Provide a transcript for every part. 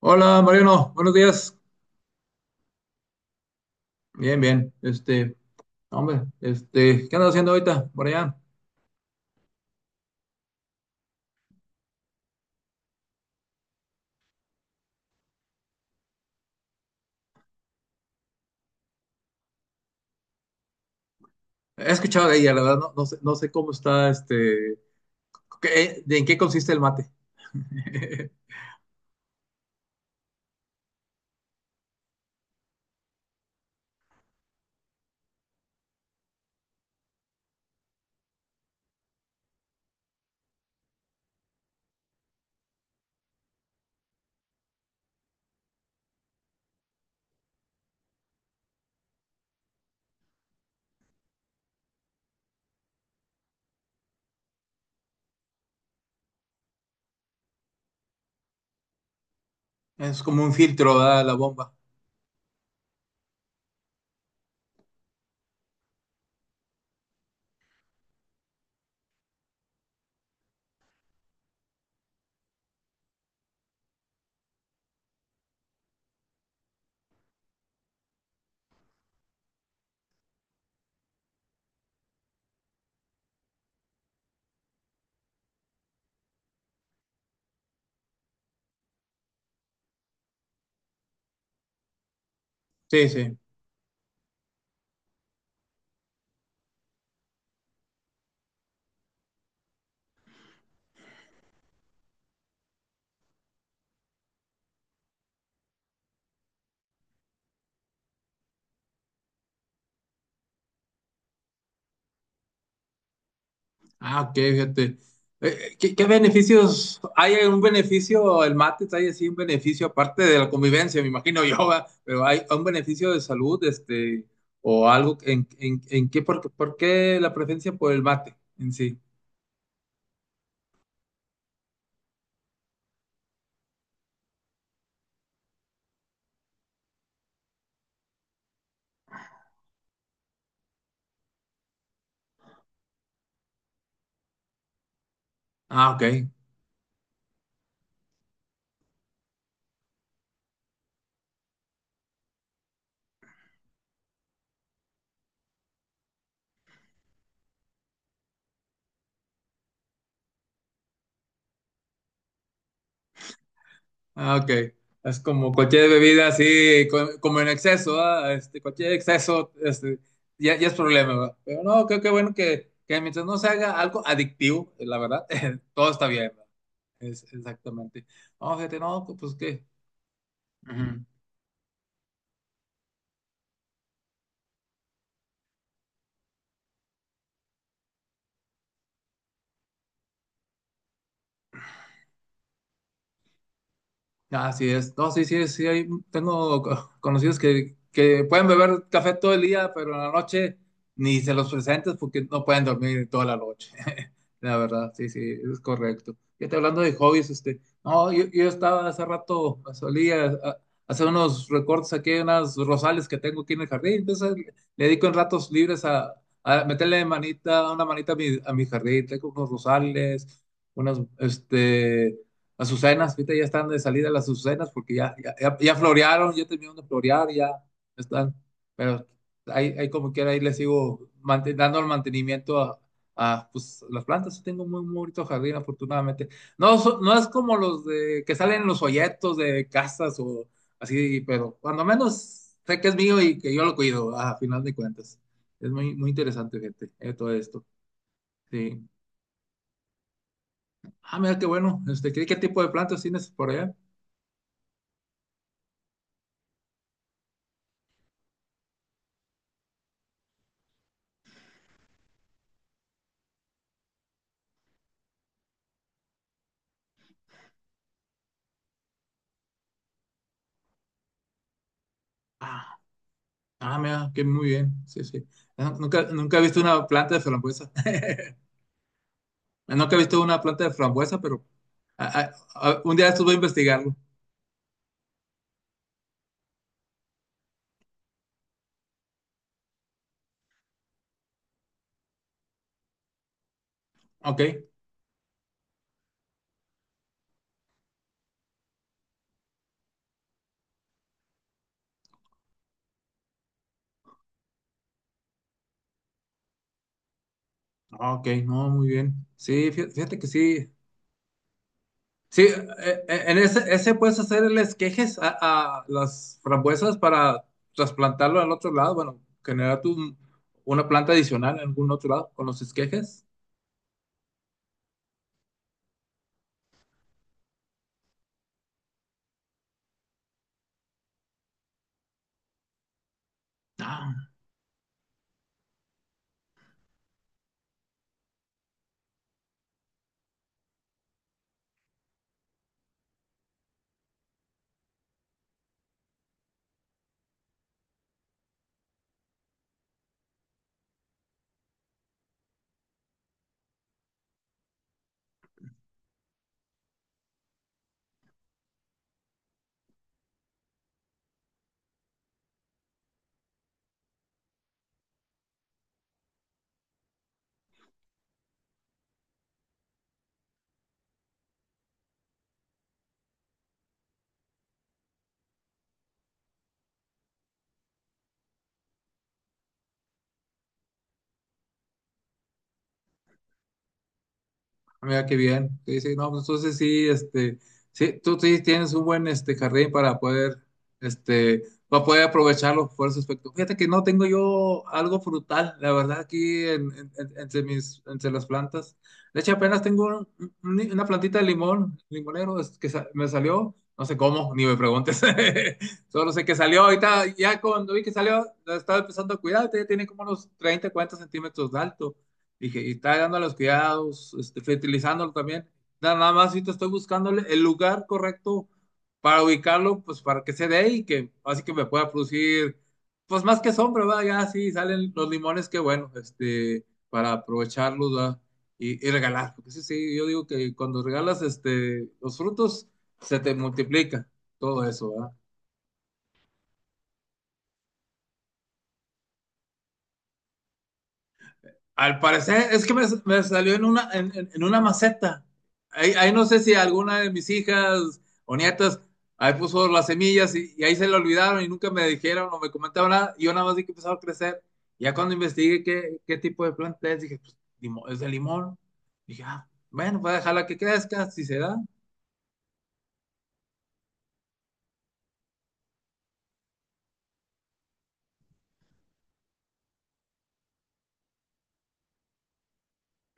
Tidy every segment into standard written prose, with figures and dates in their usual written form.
Hola Mariano, buenos días. Bien, bien. Este, hombre, este, ¿qué andas haciendo ahorita por allá? He escuchado de ella, la verdad, no, no sé cómo está, este, qué- de en qué consiste el mate. Es como un filtro, ¿verdad? La bomba. Sí, sí. Ah, ok, fíjate. ¿Qué beneficios? ¿Hay algún beneficio el mate? ¿Hay así un beneficio aparte de la convivencia? Me imagino yo, ¿verdad? Pero ¿hay un beneficio de salud, este, o algo en qué, por qué la preferencia por el mate en sí? Ah, ok. Ah, ok. Es como cualquier bebida así, como en exceso, este, cualquier exceso, este, ya es problema, ¿verdad? Pero no, creo que bueno que mientras no se haga algo adictivo, la verdad, todo está bien, ¿verdad? Es, exactamente. No, fíjate, no, pues qué. Así es. No, sí, sí, sí, tengo conocidos que pueden beber café todo el día, pero en la noche ni se los presentes porque no pueden dormir toda la noche. La verdad, sí, sí, es correcto. Y te hablando de hobbies, este, no, yo estaba hace rato, hacer unos recortes aquí, unas rosales que tengo aquí en el jardín, entonces le dedico en ratos libres a meterle manita, una manita a mi jardín, tengo unos rosales, unas, este las azucenas, ahorita ya están de salida las azucenas porque ya florearon, ya terminaron de florear, ya están, pero ahí como quiera, ahí les sigo dando el mantenimiento a, pues, las plantas. Yo tengo muy, muy bonito jardín, afortunadamente. No, no es como los de que salen en los folletos de casas o así, pero cuando menos sé que es mío y que yo lo cuido, a final de cuentas. Es muy, muy interesante, gente, todo esto. Sí. Ah, mira qué bueno. Este, qué tipo de plantas tienes por allá? Ah. Ah, mira, que muy bien. Sí, sí. No, nunca he visto una planta de frambuesa. Nunca he visto una planta de frambuesa, pero a- a- un día de estos voy a investigarlo. Ok. Ah, ok, no, muy bien. Sí, fíjate que sí. Sí, en ese puedes hacerles quejes a las frambuesas para trasplantarlo al otro lado. Bueno, generar una planta adicional en algún otro lado con los esquejes. Mira qué bien. Sí, sí, no, pues entonces sí, este, sí, tú sí tienes un buen este jardín este, para poder aprovecharlo por ese aspecto. Fíjate que no tengo yo algo frutal, la verdad, aquí entre las plantas. De hecho, apenas tengo una plantita de limón, limonero, es que me salió, no sé cómo, ni me preguntes. Solo sé que salió ahorita, ya cuando vi que salió, la estaba empezando a cuidar, ya tiene como unos 30 40 centímetros de alto. Dije, y está dando los cuidados, este, fertilizándolo también. Nada más ahorita estoy buscándole el lugar correcto para ubicarlo, pues para que se dé y que así que me pueda producir, pues más que sombra, ¿verdad? Ya sí salen los limones, qué bueno, este, para aprovecharlos, ¿verdad? Y regalar, porque sí, sí, yo digo que cuando regalas este, los frutos, se te multiplica todo eso, ¿verdad? Al parecer, es que me salió en una maceta. Ahí no sé si alguna de mis hijas o nietas ahí puso las semillas y ahí se le olvidaron y nunca me dijeron o me comentaron nada. Y yo nada más vi que empezaba a crecer. Ya cuando investigué qué tipo de planta es, dije, pues es de limón. Dije, ah, bueno, voy a dejarla que crezca, si se da.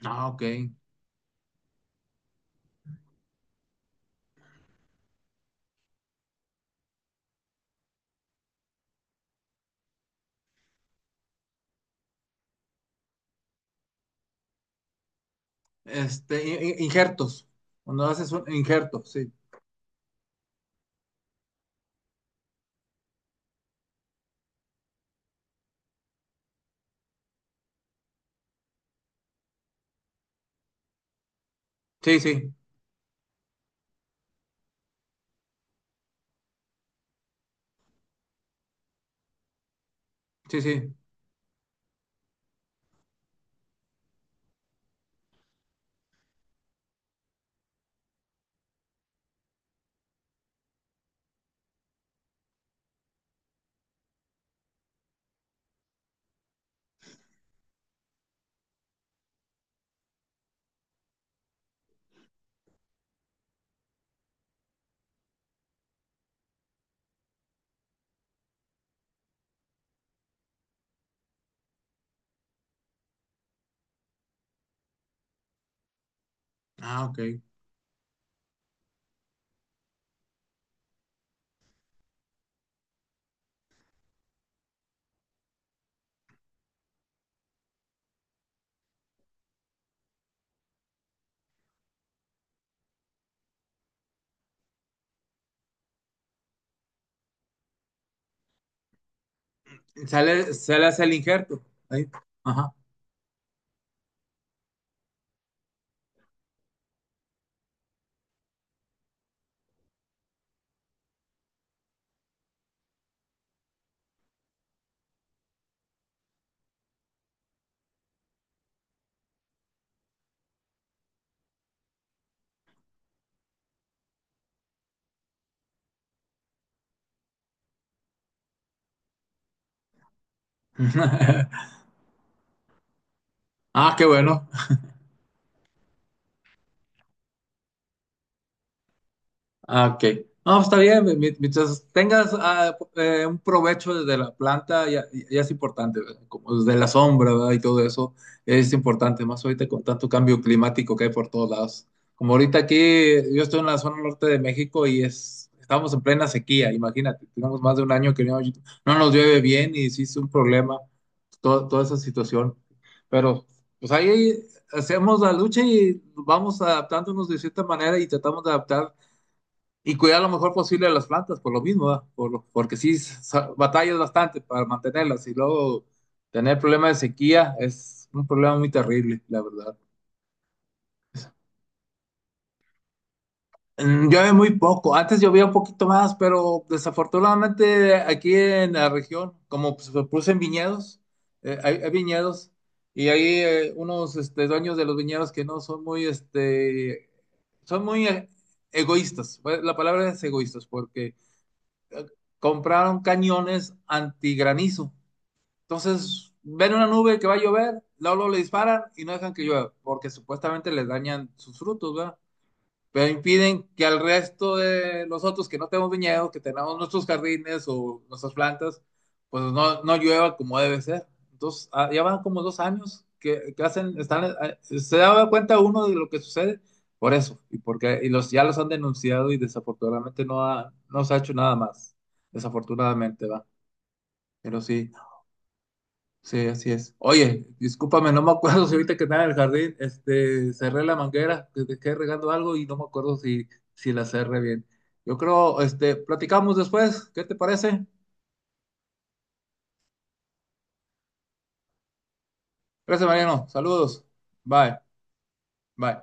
Ah, ok. Este, injertos. Cuando haces un injerto, sí. Sí, sí, sí, sí. Ah, ok. Sale hacia el injerto. Ahí. Ajá. Ah, qué bueno. Ah, ok. No, pues, está bien, mientras tengas un provecho de la planta, ya es importante, ¿verdad? Como de la sombra, ¿verdad? Y todo eso es importante, más ahorita con tanto cambio climático que hay por todos lados. Como ahorita aquí, yo estoy en la zona norte de México y estamos en plena sequía, imagínate, tenemos más de un año que no nos llueve bien y sí es un problema toda esa situación. Pero pues ahí hacemos la lucha y vamos adaptándonos de cierta manera y tratamos de adaptar y cuidar lo mejor posible de las plantas, por lo mismo, ¿verdad? Porque sí batallas bastante para mantenerlas y luego tener problemas de sequía es un problema muy terrible, la verdad. Llueve muy poco, antes llovía un poquito más, pero desafortunadamente aquí en la región, como se producen viñedos, hay viñedos y hay unos este, dueños de los viñedos que no son muy egoístas. Pues, la palabra es egoístas porque compraron cañones antigranizo. Entonces, ven una nube que va a llover, luego luego le disparan y no dejan que llueva, porque supuestamente les dañan sus frutos, ¿verdad? Pero impiden que al resto de nosotros que no tenemos viñedos, que tenemos nuestros jardines o nuestras plantas, pues no llueva como debe ser. Entonces, ya van como 2 años que hacen, están, se da cuenta uno de lo que sucede por eso, y porque y los, ya los han denunciado y desafortunadamente no se ha hecho nada más, desafortunadamente va, pero sí. Sí, así es. Oye, discúlpame, no me acuerdo si ahorita que estaba en el jardín, este, cerré la manguera, que dejé regando algo y no me acuerdo si la cerré bien. Yo creo, este, platicamos después, ¿qué te parece? Gracias, Mariano. Saludos. Bye, bye.